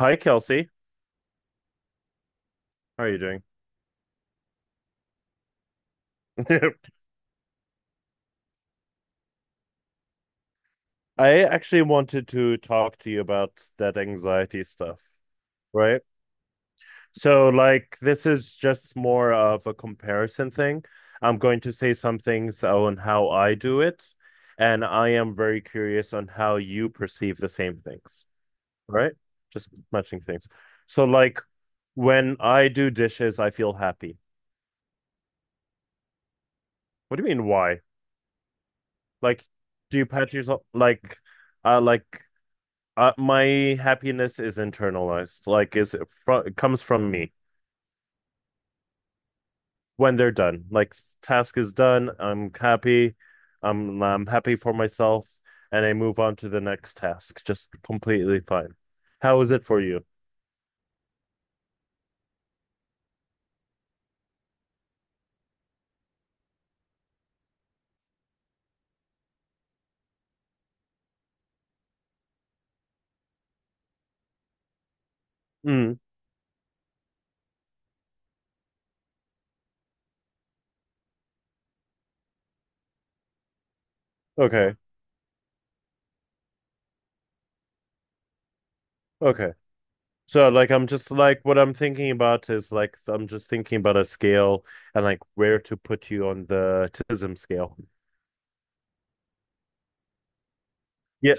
Hi, Kelsey. How are you doing? I actually wanted to talk to you about that anxiety stuff, right? So, like, this is just more of a comparison thing. I'm going to say some things on how I do it, and I am very curious on how you perceive the same things, right? Just matching things. So, like, when I do dishes, I feel happy. What do you mean, why? Like, do you pat yourself, like, my happiness is internalized. Like is it it comes from me when they're done. Like task is done, I'm happy. I'm happy for myself and I move on to the next task. Just completely fine. How is it for you? Mm, okay. Okay. So like I'm just like what I'm thinking about is like I'm just thinking about a scale and like where to put you on the autism scale. Yeah,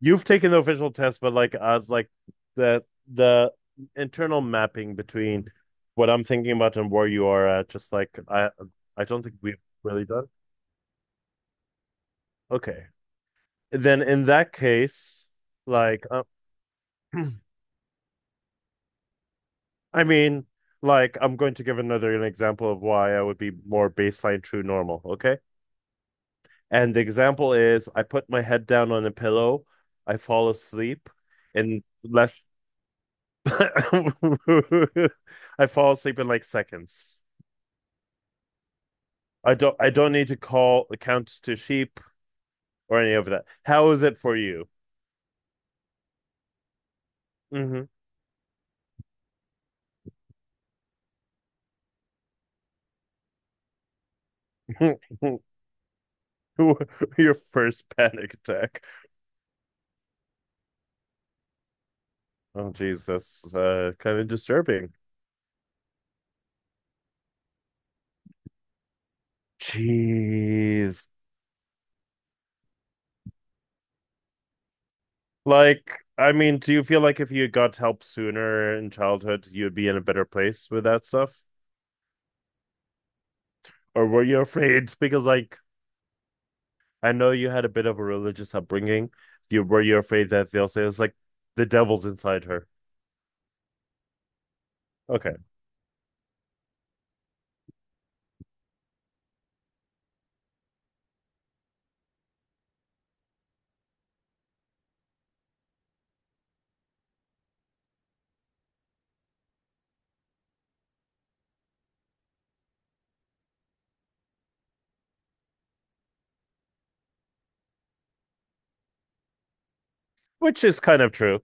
you've taken the official test, but like the the internal mapping between what I'm thinking about and where you are at, just like I don't think we've really done. Okay. Then in that case, like uh, I mean, like I'm going to give another an example of why I would be more baseline true normal, okay? And the example is I put my head down on a pillow, I fall asleep in less I fall asleep in like seconds. I don't need to call the counts to sheep or any of that. How is it for you? Mm-hmm. Your first panic attack. Oh jeez, that's kind of disturbing. Jeez. Like, I mean, do you feel like if you got help sooner in childhood, you'd be in a better place with that stuff? Or were you afraid? Because like I know you had a bit of a religious upbringing. You afraid that they'll say it's like the devil's inside her. Okay. Which is kind of true.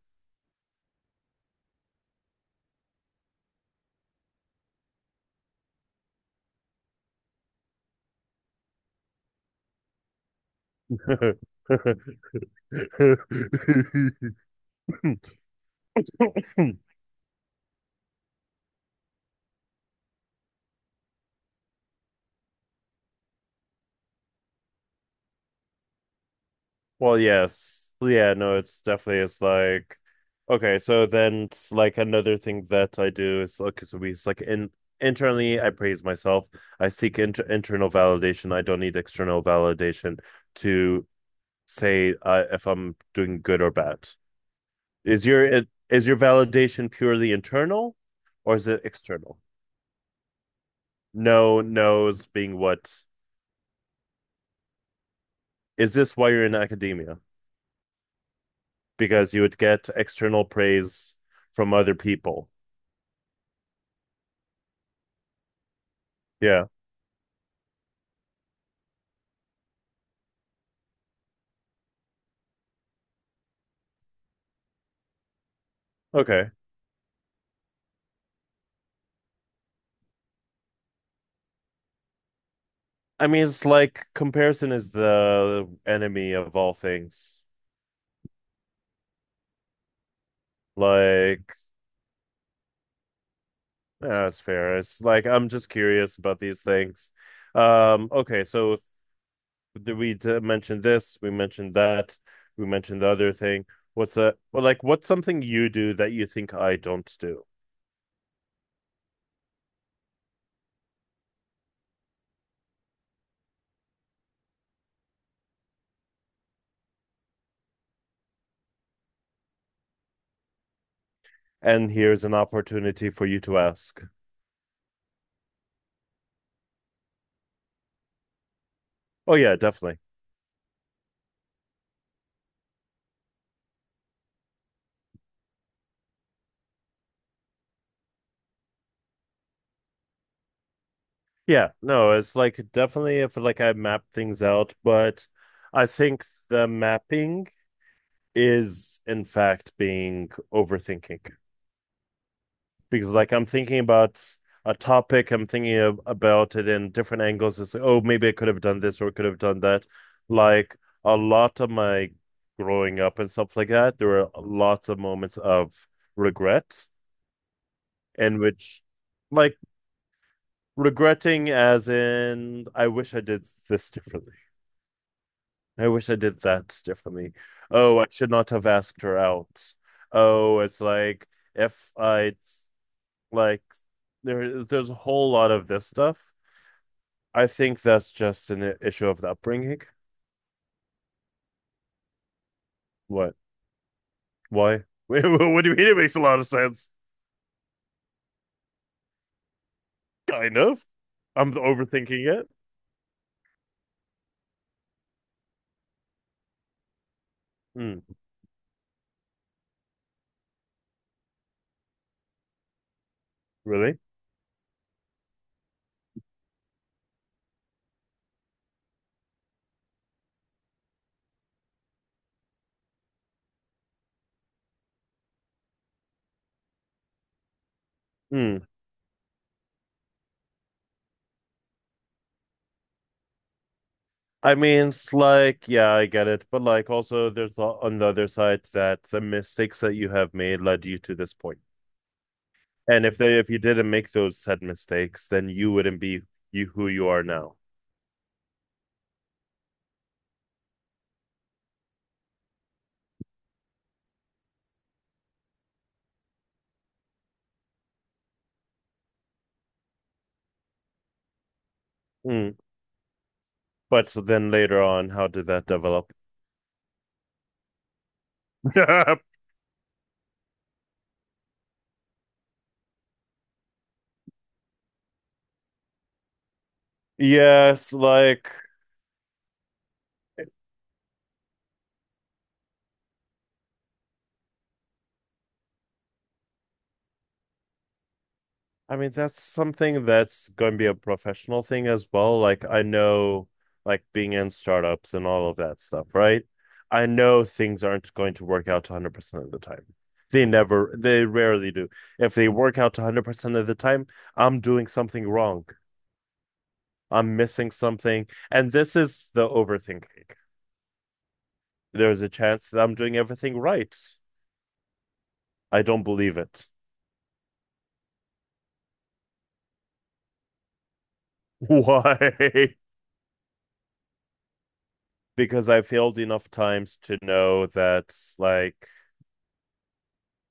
Well, yes. Yeah, no, it's definitely it's like okay, so then it's like another thing that I do is like so we it's like in internally I praise myself. I seek internal validation. I don't need external validation to say if I'm doing good or bad. Is your is your validation purely internal or is it external? No, no's being what is this why you're in academia? Because you would get external praise from other people. Yeah. Okay. I mean, it's like comparison is the enemy of all things. Like, yeah, that's fair. It's like I'm just curious about these things. Okay. Mention this? We mentioned that. We mentioned the other thing. What's a well, like what's something you do that you think I don't do? And here's an opportunity for you to ask. Oh yeah, definitely. Yeah, no, it's like definitely if like I map things out, but I think the mapping is in fact being overthinking because like I'm thinking about a topic, I'm thinking of, about it in different angles. It's like, oh, maybe I could have done this or could have done that. Like a lot of my growing up and stuff like that, there were lots of moments of regret in which like regretting as in I wish I did this differently. I wish I did that differently. Oh, I should not have asked her out. Oh, it's like if I like there's a whole lot of this stuff. I think that's just an issue of the upbringing. What? Why? What do you mean? It makes a lot of sense. Kind of. I'm overthinking it. Mm, really? Mm. I mean, it's like, yeah, I get it, but like also there's on the other side that the mistakes that you have made led you to this point. And if you didn't make those said mistakes, then you wouldn't be you who you are now. Mm. But so then later on, how did that develop? Yes, like I mean that's something that's going to be a professional thing as well. Like I know, like being in startups and all of that stuff, right? I know things aren't going to work out 100% of the time. They rarely do. If they work out 100% of the time, I'm doing something wrong. I'm missing something. And this is the overthinking. There's a chance that I'm doing everything right. I don't believe it. Why? Because I failed enough times to know that, like,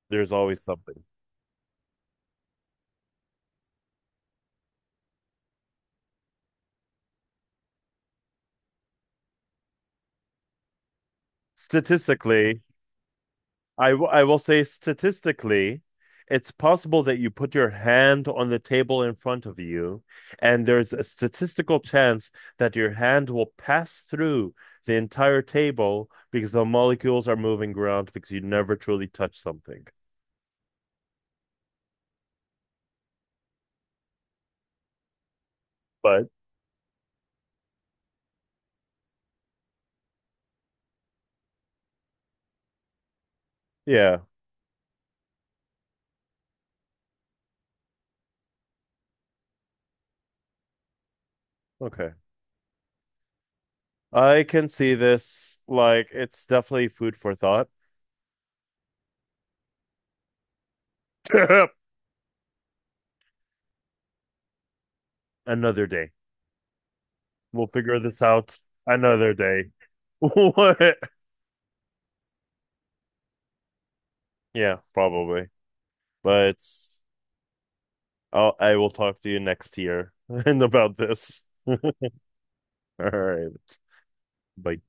there's always something. Statistically, I will say statistically, it's possible that you put your hand on the table in front of you, and there's a statistical chance that your hand will pass through the entire table because the molecules are moving around because you never truly touch something. But yeah, okay. I can see this. Like, it's definitely food for thought. Another day. We'll figure this out another day. What? Yeah, probably. But. I will talk to you next year and about this. All right. Bye.